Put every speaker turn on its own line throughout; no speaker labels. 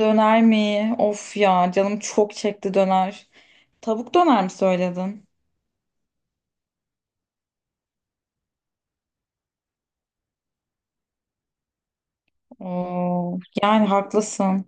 Döner mi? Of ya canım çok çekti döner. Tavuk döner mi söyledin? Oo, yani haklısın.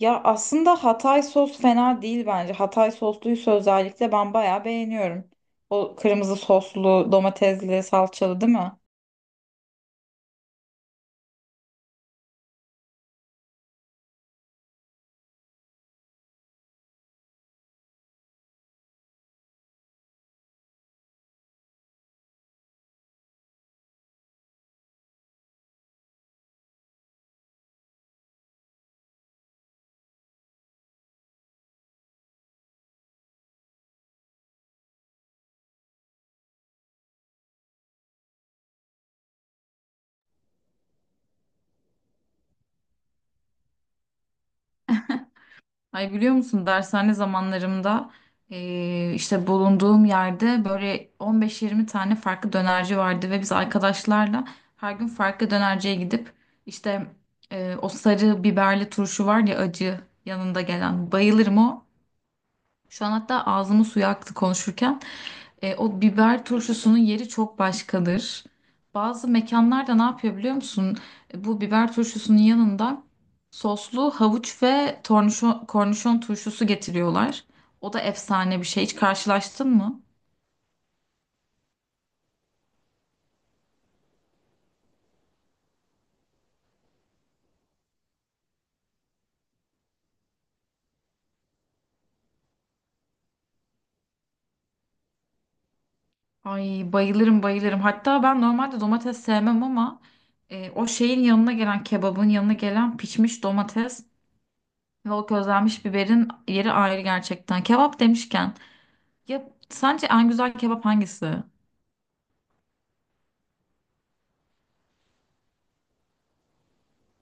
Ya aslında Hatay sos fena değil bence. Hatay sosluysa özellikle ben bayağı beğeniyorum. O kırmızı soslu, domatesli, salçalı değil mi? Ay biliyor musun dershane zamanlarımda işte bulunduğum yerde böyle 15-20 tane farklı dönerci vardı ve biz arkadaşlarla her gün farklı dönerciye gidip işte o sarı biberli turşu var ya acı yanında gelen bayılırım o. Şu an hatta ağzımı suya aktı konuşurken. O biber turşusunun yeri çok başkadır. Bazı mekanlarda ne yapıyor biliyor musun? Bu biber turşusunun yanında soslu havuç ve tornişon, kornişon turşusu getiriyorlar. O da efsane bir şey. Hiç karşılaştın mı? Ay bayılırım bayılırım. Hatta ben normalde domates sevmem ama o şeyin yanına gelen kebabın yanına gelen pişmiş domates ve o közlenmiş biberin yeri ayrı gerçekten. Kebap demişken ya sence en güzel kebap hangisi?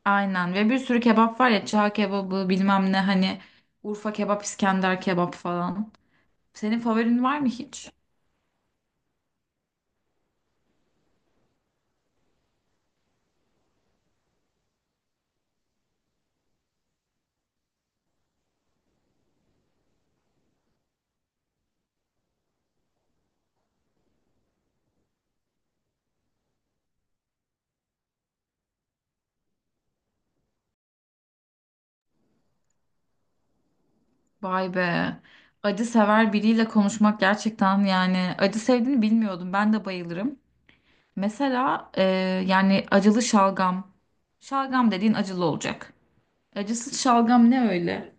Aynen ve bir sürü kebap var ya çağ kebabı bilmem ne hani Urfa kebap İskender kebap falan. Senin favorin var mı hiç? Vay be. Acı sever biriyle konuşmak gerçekten yani acı sevdiğini bilmiyordum. Ben de bayılırım. Mesela yani acılı şalgam. Şalgam dediğin acılı olacak. Acısız şalgam ne öyle?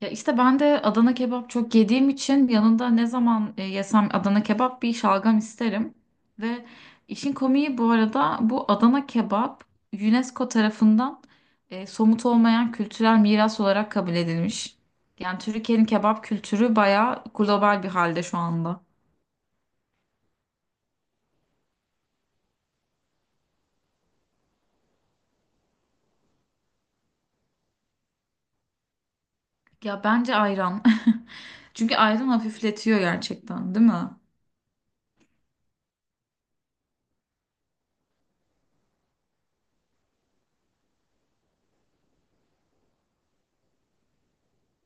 Ya işte ben de Adana kebap çok yediğim için yanında ne zaman yesem Adana kebap bir şalgam isterim. Ve işin komiği bu arada bu Adana kebap UNESCO tarafından somut olmayan kültürel miras olarak kabul edilmiş. Yani Türkiye'nin kebap kültürü bayağı global bir halde şu anda. Ya bence ayran. Çünkü ayran hafifletiyor gerçekten, değil mi?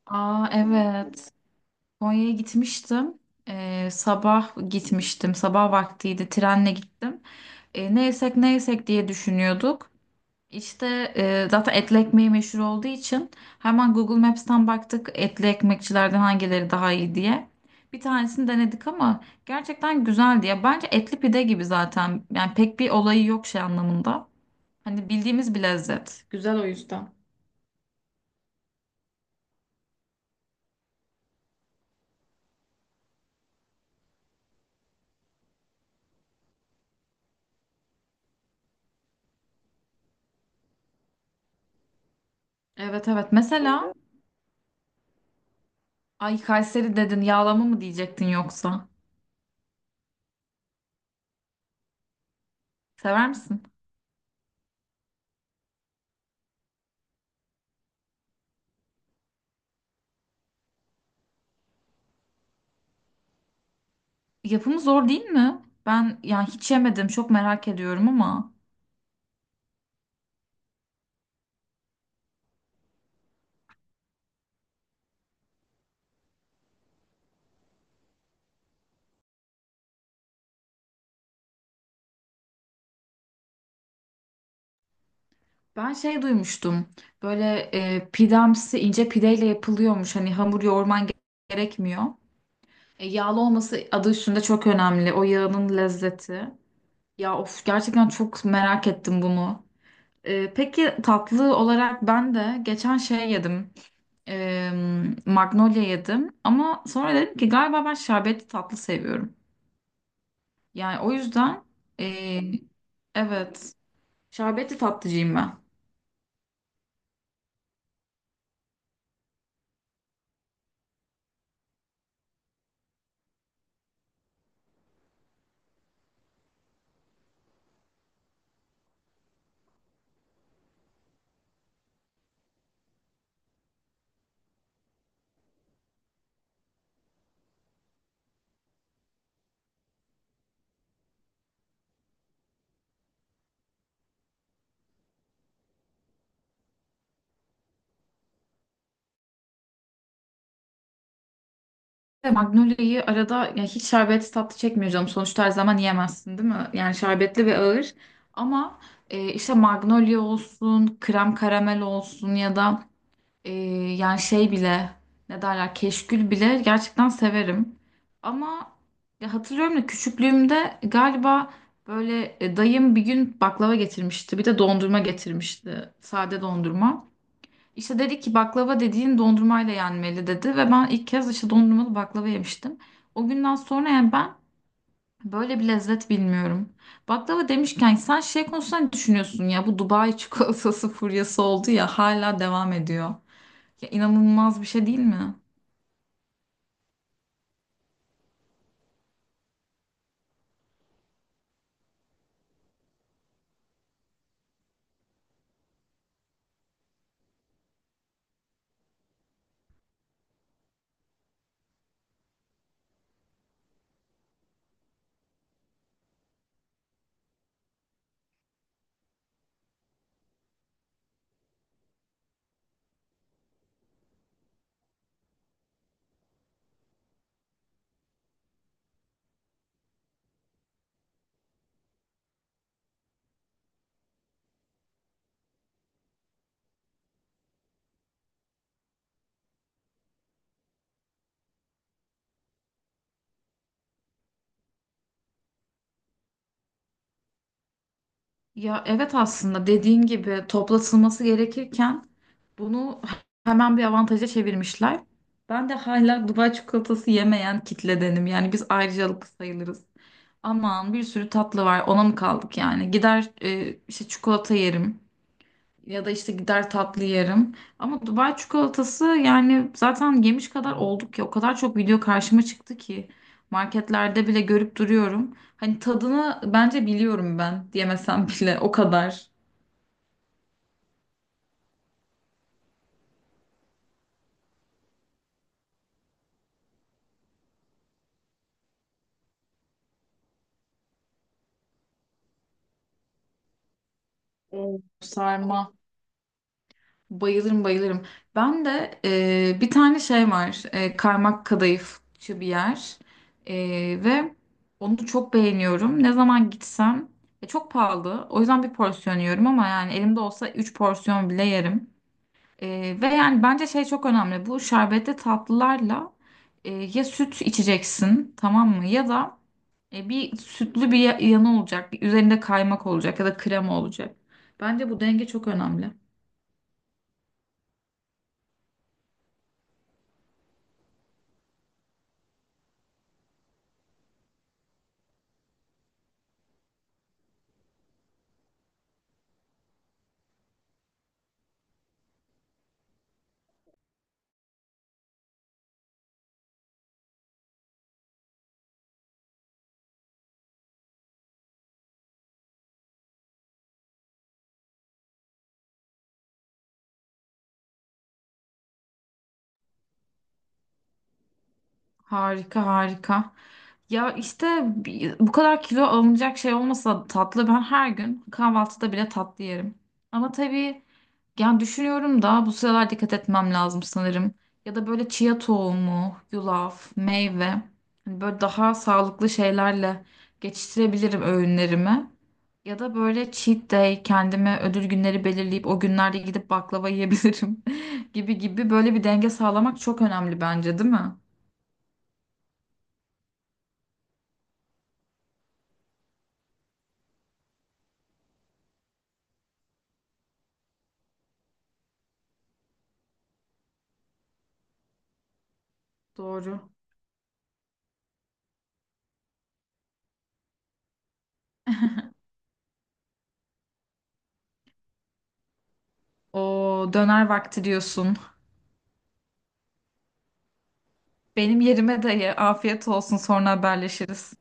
Aa evet. Konya'ya gitmiştim. Sabah gitmiştim. Sabah vaktiydi. Trenle gittim. Ne yesek ne yesek diye düşünüyorduk. İşte zaten etli ekmeği meşhur olduğu için hemen Google Maps'ten baktık etli ekmekçilerden hangileri daha iyi diye. Bir tanesini denedik ama gerçekten güzeldi ya. Bence etli pide gibi zaten. Yani pek bir olayı yok şey anlamında. Hani bildiğimiz bir lezzet. Güzel o yüzden. Evet evet. Mesela ay Kayseri dedin yağlama mı diyecektin yoksa? Sever misin? Yapımı zor değil mi? Ben yani hiç yemedim, çok merak ediyorum ama ben şey duymuştum. Böyle pidemsi ince pideyle yapılıyormuş. Hani hamur yoğurman gerekmiyor. Yağlı olması adı üstünde çok önemli. O yağının lezzeti. Ya of gerçekten çok merak ettim bunu. Peki tatlı olarak ben de geçen şey yedim. E, Magnolia yedim. Ama sonra dedim ki galiba ben şerbetli tatlı seviyorum. Yani o yüzden e, evet. Şerbetli tatlıcıyım ben. Ve Magnolia'yı arada ya hiç şerbetli tatlı çekmiyor canım. Sonuçta her zaman yiyemezsin değil mi? Yani şerbetli ve ağır. Ama işte Magnolia olsun, krem karamel olsun ya da e, yani şey bile ne derler keşkül bile gerçekten severim. Ama ya hatırlıyorum da küçüklüğümde galiba böyle dayım bir gün baklava getirmişti. Bir de dondurma getirmişti. Sade dondurma. İşte dedi ki baklava dediğin dondurmayla yenmeli dedi ve ben ilk kez işte dondurmalı baklava yemiştim. O günden sonra yani ben böyle bir lezzet bilmiyorum. Baklava demişken sen şey konusunda ne düşünüyorsun ya bu Dubai çikolatası furyası oldu ya hala devam ediyor. Ya inanılmaz bir şey değil mi? Ya evet aslında dediğin gibi toplatılması gerekirken bunu hemen bir avantaja çevirmişler. Ben de hala Dubai çikolatası yemeyen kitledenim. Yani biz ayrıcalıklı sayılırız. Aman bir sürü tatlı var ona mı kaldık yani gider işte çikolata yerim ya da işte gider tatlı yerim ama Dubai çikolatası yani zaten yemiş kadar olduk ya o kadar çok video karşıma çıktı ki marketlerde bile görüp duruyorum hani tadını bence biliyorum ben diyemesem bile o kadar. Hmm. Sarma. Bayılırım bayılırım. Ben de bir tane şey var. Kaymak kadayıfçı bir yer. E, ve onu çok beğeniyorum. Ne zaman gitsem çok pahalı. O yüzden 1 porsiyon yiyorum ama yani elimde olsa 3 porsiyon bile yerim. E, ve yani bence şey çok önemli. Bu şerbetli tatlılarla ya süt içeceksin tamam mı? Ya da bir sütlü bir yanı olacak. Bir üzerinde kaymak olacak ya da krema olacak. Bence bu denge çok önemli. Harika harika. Ya işte bu kadar kilo alınacak şey olmasa tatlı ben her gün kahvaltıda bile tatlı yerim. Ama tabii yani düşünüyorum da bu sıralar dikkat etmem lazım sanırım. Ya da böyle chia tohumu, yulaf, meyve hani böyle daha sağlıklı şeylerle geçiştirebilirim öğünlerimi. Ya da böyle cheat day kendime ödül günleri belirleyip o günlerde gidip baklava yiyebilirim gibi gibi böyle bir denge sağlamak çok önemli bence değil mi? Doğru. O döner vakti diyorsun. Benim yerime dayı. Afiyet olsun. Sonra haberleşiriz.